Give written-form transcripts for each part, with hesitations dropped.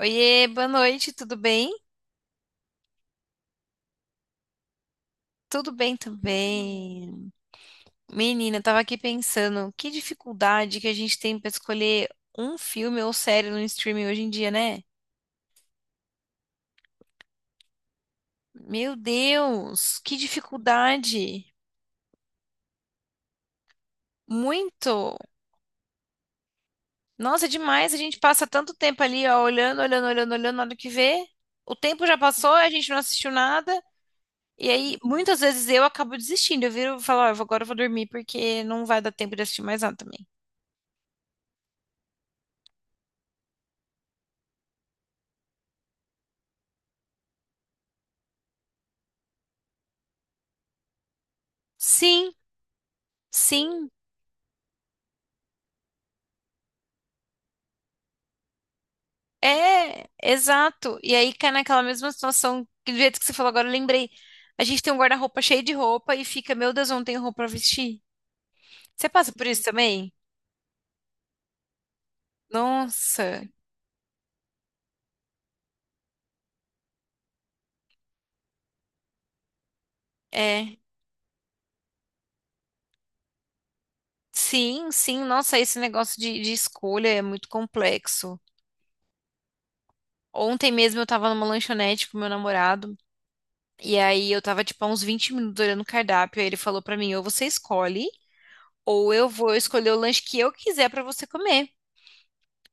Oiê, boa noite, tudo bem? Tudo bem também. Menina, eu tava aqui pensando, que dificuldade que a gente tem pra escolher um filme ou série no streaming hoje em dia, né? Meu Deus, que dificuldade! Muito! Nossa, é demais, a gente passa tanto tempo ali, ó, olhando, olhando, olhando, olhando, na hora que vê, o tempo já passou, a gente não assistiu nada, e aí muitas vezes eu acabo desistindo, eu viro e falo, ó, agora eu vou dormir porque não vai dar tempo de assistir mais nada também. Sim, sim. É, exato. E aí cai naquela mesma situação que do jeito que você falou agora, eu lembrei. A gente tem um guarda-roupa cheio de roupa e fica, meu Deus, eu não tenho roupa pra vestir. Você passa por isso também? Nossa, é. Sim, sim, nossa, esse negócio de escolha é muito complexo. Ontem mesmo eu tava numa lanchonete com meu namorado, e aí eu tava tipo há uns 20 minutos olhando o cardápio, aí ele falou pra mim, ou você escolhe, ou eu vou escolher o lanche que eu quiser pra você comer.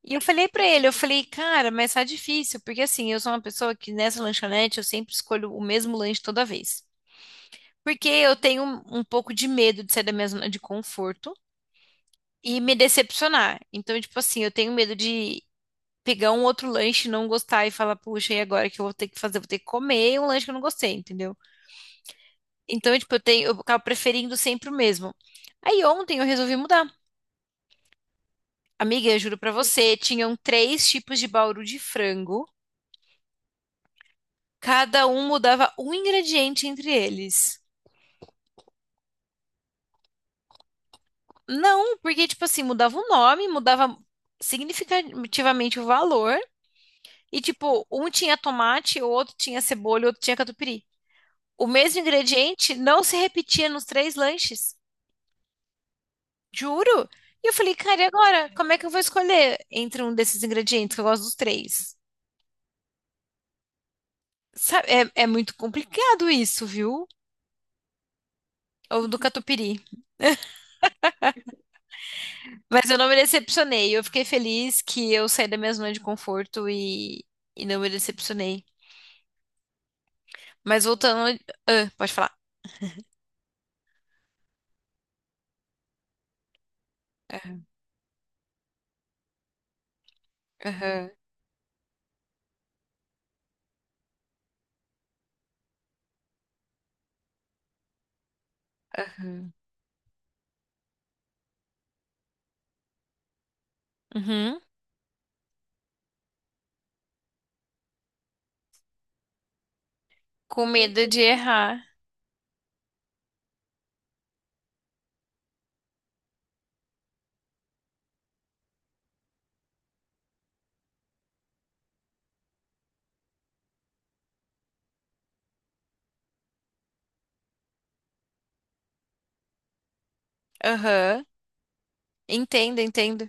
E eu falei pra ele, eu falei, cara, mas tá difícil, porque assim, eu sou uma pessoa que nessa lanchonete eu sempre escolho o mesmo lanche toda vez. Porque eu tenho um pouco de medo de sair da minha zona de conforto e me decepcionar. Então, tipo assim, eu tenho medo de pegar um outro lanche, e não gostar e falar, puxa, e agora o que eu vou ter que fazer? Vou ter que comer um lanche que eu não gostei, entendeu? Então, tipo, eu tenho, eu acabo preferindo sempre o mesmo. Aí ontem eu resolvi mudar. Amiga, eu juro pra você, tinham 3 tipos de bauru de frango. Cada um mudava um ingrediente entre eles. Não, porque, tipo assim, mudava o nome, mudava significativamente o valor. E, tipo, um tinha tomate, o outro tinha cebola, o outro tinha catupiry. O mesmo ingrediente não se repetia nos 3 lanches. Juro? E eu falei, cara, e agora? Como é que eu vou escolher entre um desses ingredientes, que eu gosto dos três? Sabe, é muito complicado isso, viu? Ou do catupiry. Mas eu não me decepcionei. Eu fiquei feliz que eu saí da minha zona de conforto e não me decepcionei. Mas voltando. Ah, pode falar. Aham, aham, aham. Uhum. Com medo de errar. Aham. Entendo, entendo.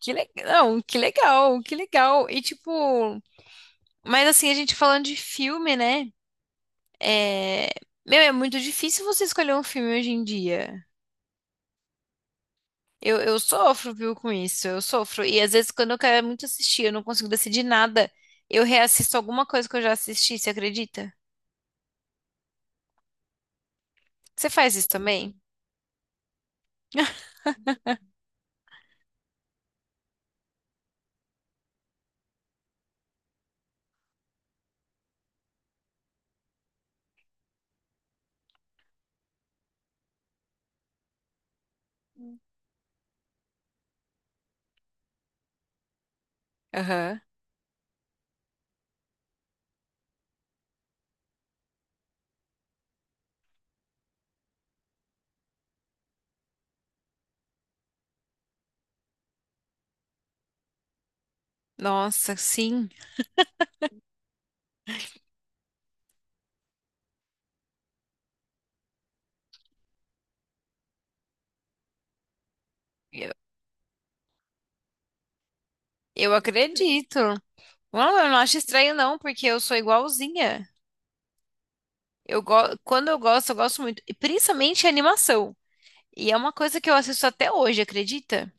Que legal. Não, que legal, que legal. E tipo, mas assim, a gente falando de filme, né? É... Meu, é muito difícil você escolher um filme hoje em dia. Eu sofro, viu, com isso. Eu sofro. E às vezes, quando eu quero muito assistir, eu não consigo decidir nada. Eu reassisto alguma coisa que eu já assisti, você acredita? Você faz isso também? Aham. Nossa, sim. Eu, eu acredito. Não, eu não acho estranho, não, porque eu sou igualzinha. Eu go... Quando eu gosto muito. E principalmente animação. E é uma coisa que eu assisto até hoje, acredita?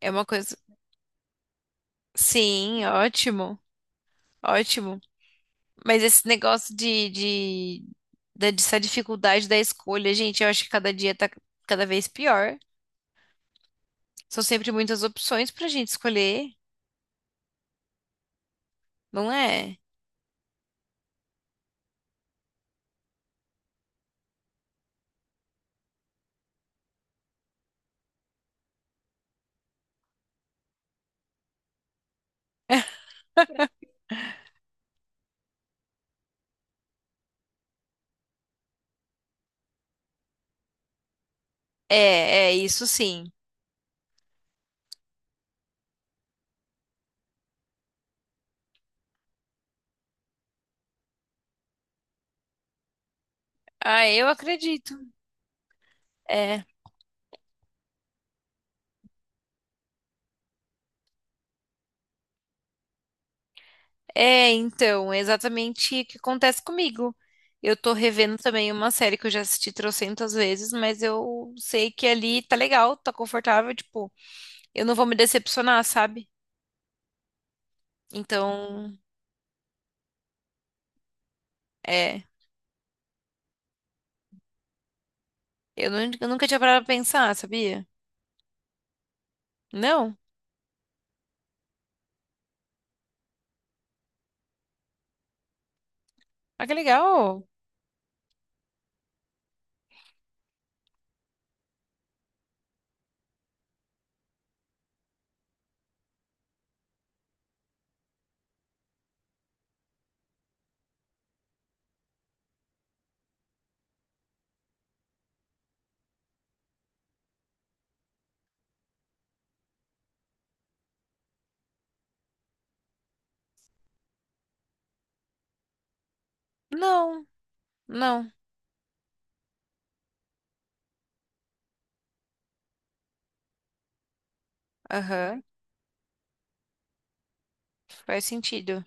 É uma coisa. Sim, ótimo. Ótimo. Mas esse negócio dessa dificuldade da escolha, gente, eu acho que cada dia tá cada vez pior. São sempre muitas opções pra gente escolher, não é? É, é isso sim. Ah, eu acredito. É, é exatamente o que acontece comigo. Eu tô revendo também uma série que eu já assisti trocentas vezes, mas eu sei que ali tá legal, tá confortável, tipo, eu não vou me decepcionar, sabe? Então, é, eu nunca tinha parado pra pensar, sabia? Não? Ah, que legal. Não, não. Aham. Faz sentido.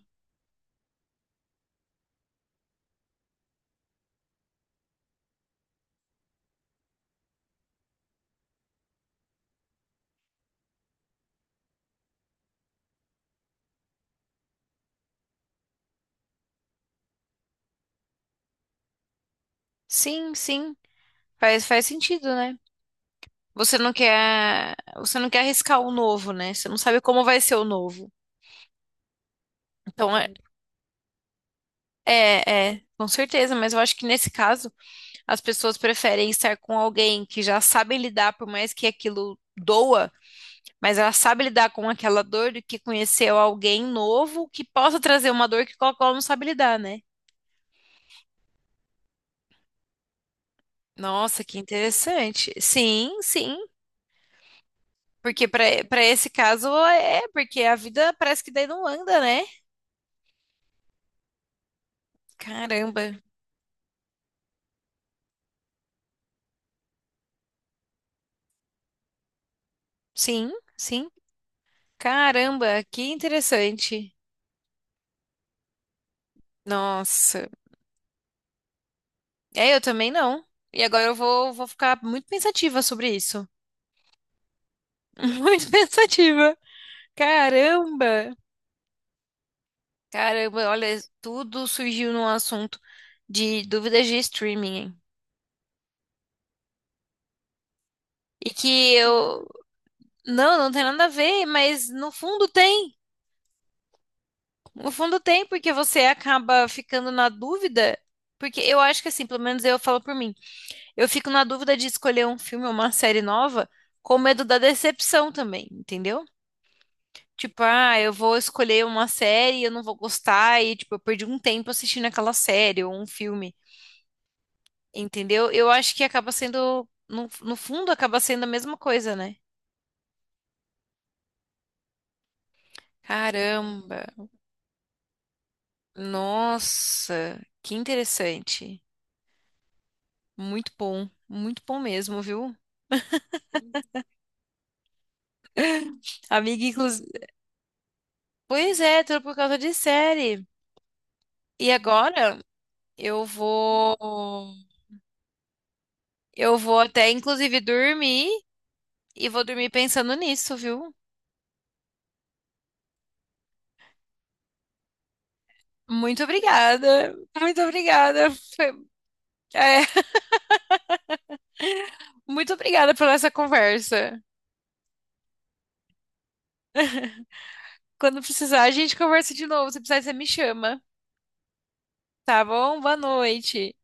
Sim, sim. Faz, faz sentido, né? Você não quer arriscar o novo, né? Você não sabe como vai ser o novo. Então, é, é, com certeza, mas eu acho que nesse caso as pessoas preferem estar com alguém que já sabe lidar, por mais que aquilo doa, mas ela sabe lidar com aquela dor do que conhecer alguém novo que possa trazer uma dor que qual não sabe lidar, né? Nossa, que interessante. Sim, sim. Porque para esse caso é, porque a vida parece que daí não anda, né? Caramba. Sim, sim. Caramba, que interessante. Nossa. É, eu também não. E agora vou ficar muito pensativa sobre isso. Muito pensativa. Caramba. Caramba, olha, tudo surgiu num assunto de dúvidas de streaming. E que eu. Não, não tem nada a ver, mas no fundo tem. No fundo tem, porque você acaba ficando na dúvida, porque eu acho que assim, pelo menos eu falo por mim, eu fico na dúvida de escolher um filme ou uma série nova com medo da decepção também, entendeu? Tipo, ah, eu vou escolher uma série, e eu não vou gostar, e tipo, eu perdi um tempo assistindo aquela série ou um filme, entendeu? Eu acho que acaba sendo, no fundo, acaba sendo a mesma coisa, né? Caramba, nossa, que interessante. Muito bom mesmo, viu? Amiga, inclusive. Pois é, tudo por causa de série. E agora eu vou. Eu vou até, inclusive, dormir e vou dormir pensando nisso, viu? Muito obrigada. Muito obrigada. Foi- é, muito obrigada pela essa conversa. Quando precisar, a gente conversa de novo. Se precisar, você me chama. Tá bom? Boa noite.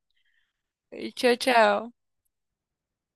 Tchau, tchau.